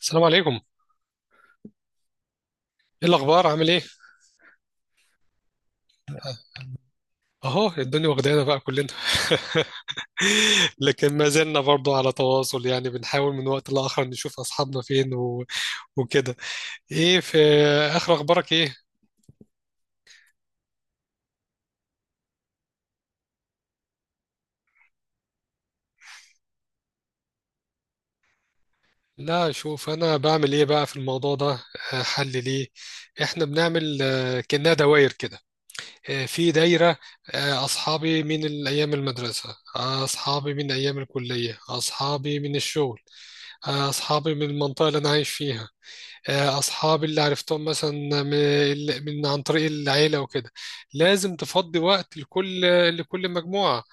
السلام عليكم. ايه الاخبار؟ عامل ايه؟ اهو الدنيا واخدانا بقى كلنا. لكن ما زلنا برضو على تواصل، يعني بنحاول من وقت لاخر نشوف اصحابنا فين وكده. ايه في اخر اخبارك ايه؟ لا، شوف، انا بعمل ايه بقى في الموضوع ده. حل ليه. احنا بنعمل كأنها دوائر كده. في دايرة، أصحابي من الأيام المدرسة، أصحابي من أيام الكلية، أصحابي من الشغل، أصحابي من المنطقة اللي أنا عايش فيها، اصحابي اللي عرفتهم مثلا من عن طريق العيله وكده. لازم تفضي وقت لكل مجموعه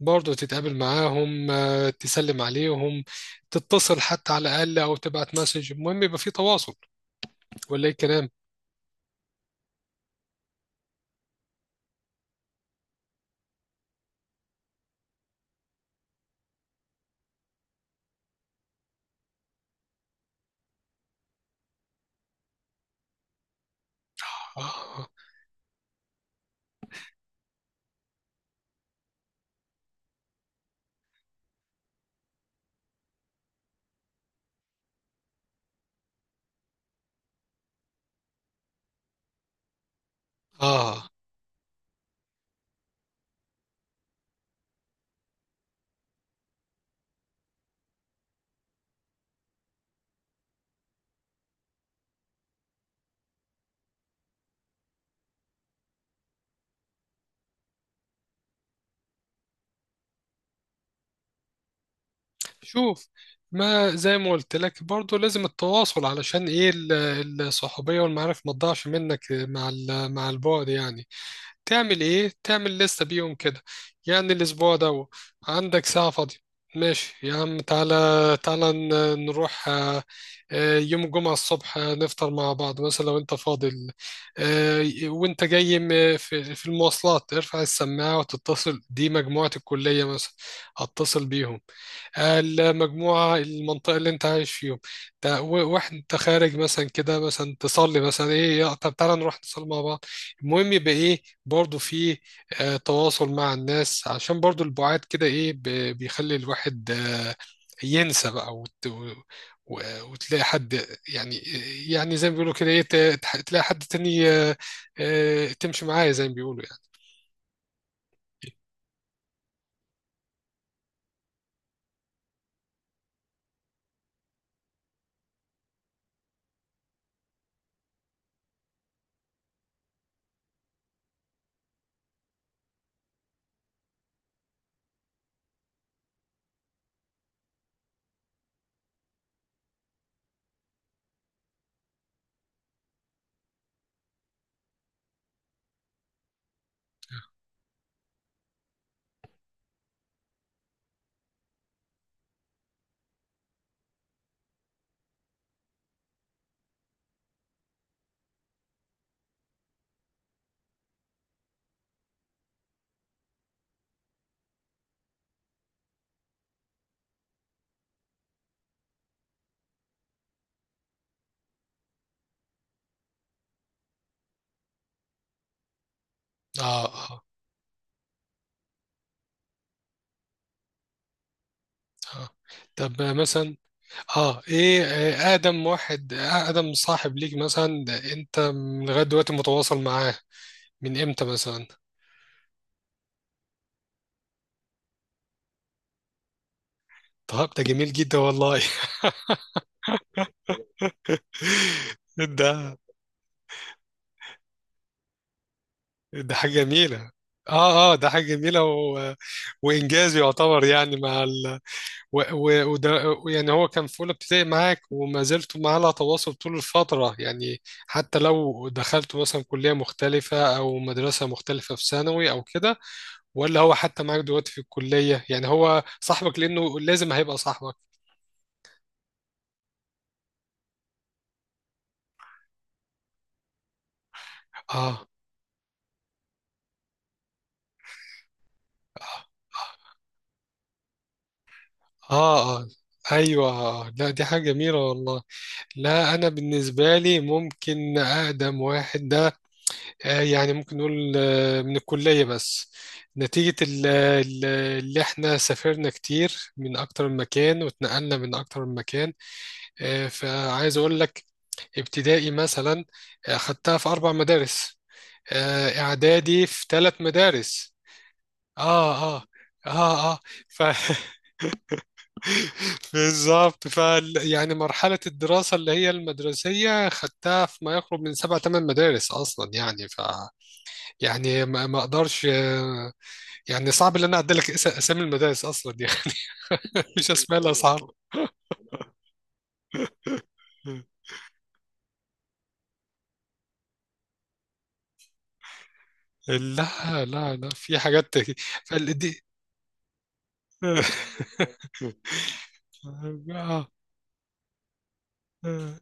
برضه، تتقابل معاهم، تسلم عليهم، تتصل حتى على الاقل او تبعت مسج، المهم يبقى في تواصل، ولا ايه الكلام؟ آه. آه، شوف، ما زي ما قلت لك برضه، لازم التواصل علشان إيه الصحوبية والمعارف ما تضيعش منك مع مع البعد، يعني تعمل ايه؟ تعمل لستة بيهم كده. يعني الاسبوع ده عندك ساعة فاضية، ماشي يا عم، تعالى، تعالى نروح. يوم الجمعة الصبح، نفطر مع بعض مثلا لو انت فاضي. وانت جاي في المواصلات ارفع السماعة وتتصل، دي مجموعة الكلية مثلا، هتصل بيهم، المجموعة المنطقة اللي انت عايش فيهم ده، واحد انت خارج مثلا كده، مثلا تصلي، مثلا ايه طب تعالى نروح نصلي مع بعض. المهم يبقى ايه؟ برضو في تواصل مع الناس، عشان برضو البعاد كده ايه بيخلي الواحد ينسى بقى وتلاقي حد، يعني، يعني زي ما بيقولوا كده ايه، تلاقي حد تاني، تمشي معاه زي ما بيقولوا يعني. اه، اه، اه. طب مثلا، اه، ايه؟ اقدم واحد اقدم صاحب ليك مثلا ده، انت من لغايه دلوقتي متواصل معاه؟ من امتى مثلا؟ طب ده جميل جدا والله. ده ده حاجه جميله. اه، اه، ده حاجه جميله وانجاز يعتبر، يعني مع وده. يعني هو كان في اولى ابتدائي معاك وما زلتوا معاه على تواصل طول الفتره، يعني حتى لو دخلتوا مثلا كليه مختلفه او مدرسه مختلفه في ثانوي او كده، ولا هو حتى معاك دلوقتي في الكلية؟ يعني هو صاحبك لأنه لازم هيبقى صاحبك. آه آه آه أيوة. لا، دي حاجة جميلة والله. لا، أنا بالنسبة لي ممكن أقدم واحد ده يعني ممكن نقول من الكلية بس، نتيجة اللي احنا سافرنا كتير من أكتر من مكان واتنقلنا من أكتر من مكان. فعايز أقول لك، ابتدائي مثلا خدتها في أربع مدارس، اعدادي في ثلاث مدارس. اه، اه، اه، اه، ف بالظبط، يعني مرحله الدراسه اللي هي المدرسيه خدتها في ما يقرب من سبع ثمان مدارس اصلا، يعني ف، يعني ما اقدرش. يعني صعب ان انا اعدلك اسامي المدارس اصلا يعني. مش اسماء الاصحاب. لا، لا، لا، في حاجات، فالدي. آه آه،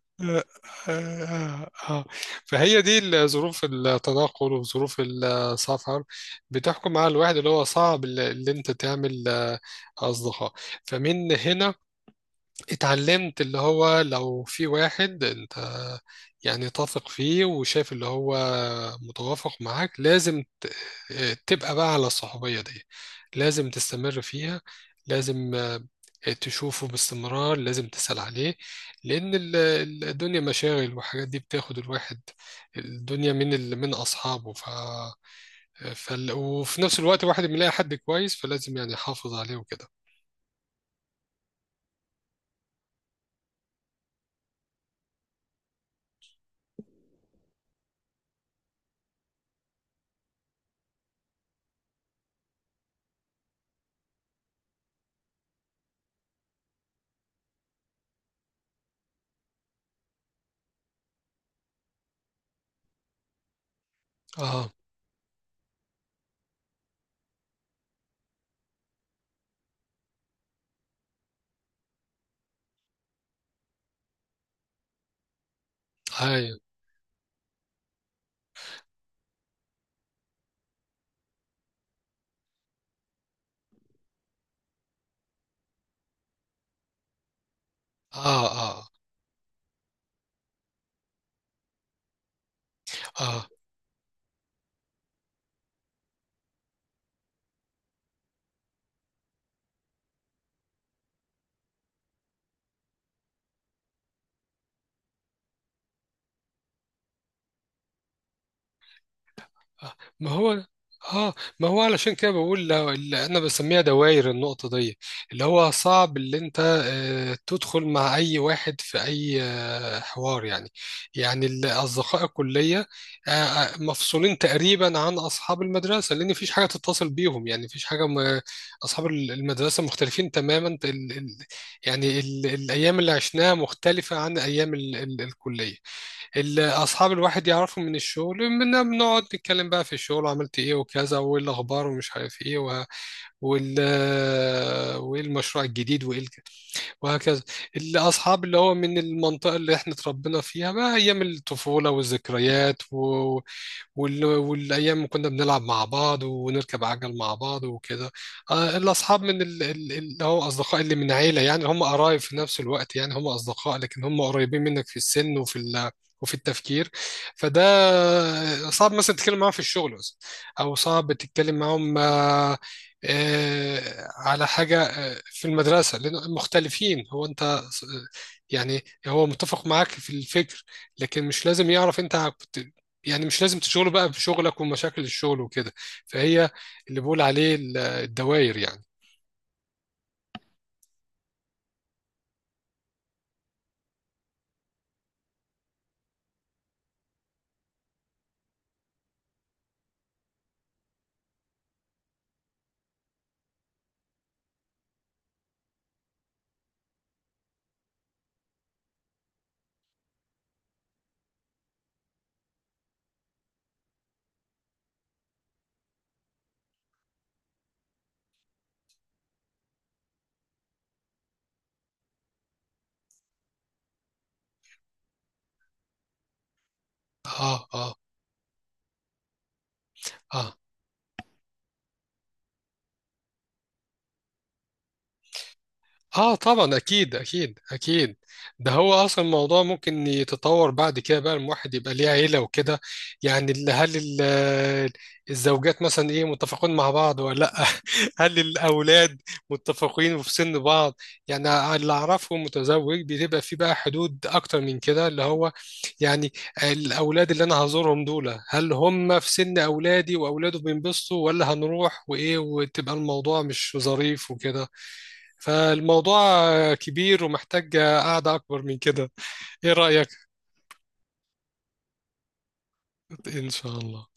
آه، آه، آه. فهي دي ظروف التنقل وظروف السفر بتحكم على الواحد، اللي هو صعب اللي انت تعمل اصدقاء. فمن هنا اتعلمت اللي هو لو في واحد انت يعني تثق فيه وشايف اللي هو متوافق معاك، لازم تبقى بقى على الصحوبية دي، لازم تستمر فيها، لازم تشوفه باستمرار، لازم تسأل عليه، لأن الدنيا مشاغل والحاجات دي بتاخد الواحد الدنيا من من أصحابه. وفي نفس الوقت الواحد بيلاقي حد كويس، فلازم يعني يحافظ عليه وكده. اه، هاي، اه، اه، اه، آه، ما هو، اه، ما هو علشان كده بقول، اللي انا بسميها دوائر، النقطة دي اللي هو صعب اللي انت تدخل مع اي واحد في اي حوار يعني. يعني اصدقاء الكلية مفصولين تقريبا عن اصحاب المدرسة، لان مفيش حاجة تتصل بيهم، يعني مفيش حاجة اصحاب المدرسة مختلفين تماما. يعني الايام اللي عشناها مختلفة عن ايام الكلية. اصحاب الواحد يعرفوا من الشغل، بنقعد نتكلم بقى في الشغل عملت ايه وكذا، وايه الاخبار ومش عارف ايه و... وال وايه المشروع الجديد وايه وهكذا. الاصحاب اللي هو من المنطقه اللي احنا اتربينا فيها بقى ايام الطفوله والذكريات والايام كنا بنلعب مع بعض ونركب عجل مع بعض وكده. الاصحاب من اللي هو اصدقاء اللي من عيله، يعني هم قرايب في نفس الوقت، يعني هم اصدقاء لكن هم قريبين منك في السن وفي وفي التفكير. فده صعب مثلا تتكلم معاهم في الشغل مثلا، او صعب تتكلم معاهم على حاجه في المدرسه لان مختلفين. هو انت يعني هو متفق معاك في الفكر، لكن مش لازم يعرف انت، يعني مش لازم تشغله بقى بشغلك ومشاكل الشغل وكده. فهي اللي بقول عليه الدوائر يعني. اه، اه، اه، اه، طبعا، اكيد، اكيد، اكيد. ده هو اصلا الموضوع ممكن يتطور بعد كده، بقى الواحد يبقى ليه عيله وكده، يعني هل الزوجات مثلا ايه متفقون مع بعض ولا لا؟ هل الاولاد متفقين وفي سن بعض؟ يعني اللي اعرفه متزوج بتبقى في بقى حدود اكتر من كده، اللي هو يعني الاولاد اللي انا هزورهم دول هل هم في سن اولادي واولاده؟ بينبسطوا ولا هنروح وايه وتبقى الموضوع مش ظريف وكده. فالموضوع كبير ومحتاج قعدة أكبر من كده. إيه رأيك؟ إن شاء الله.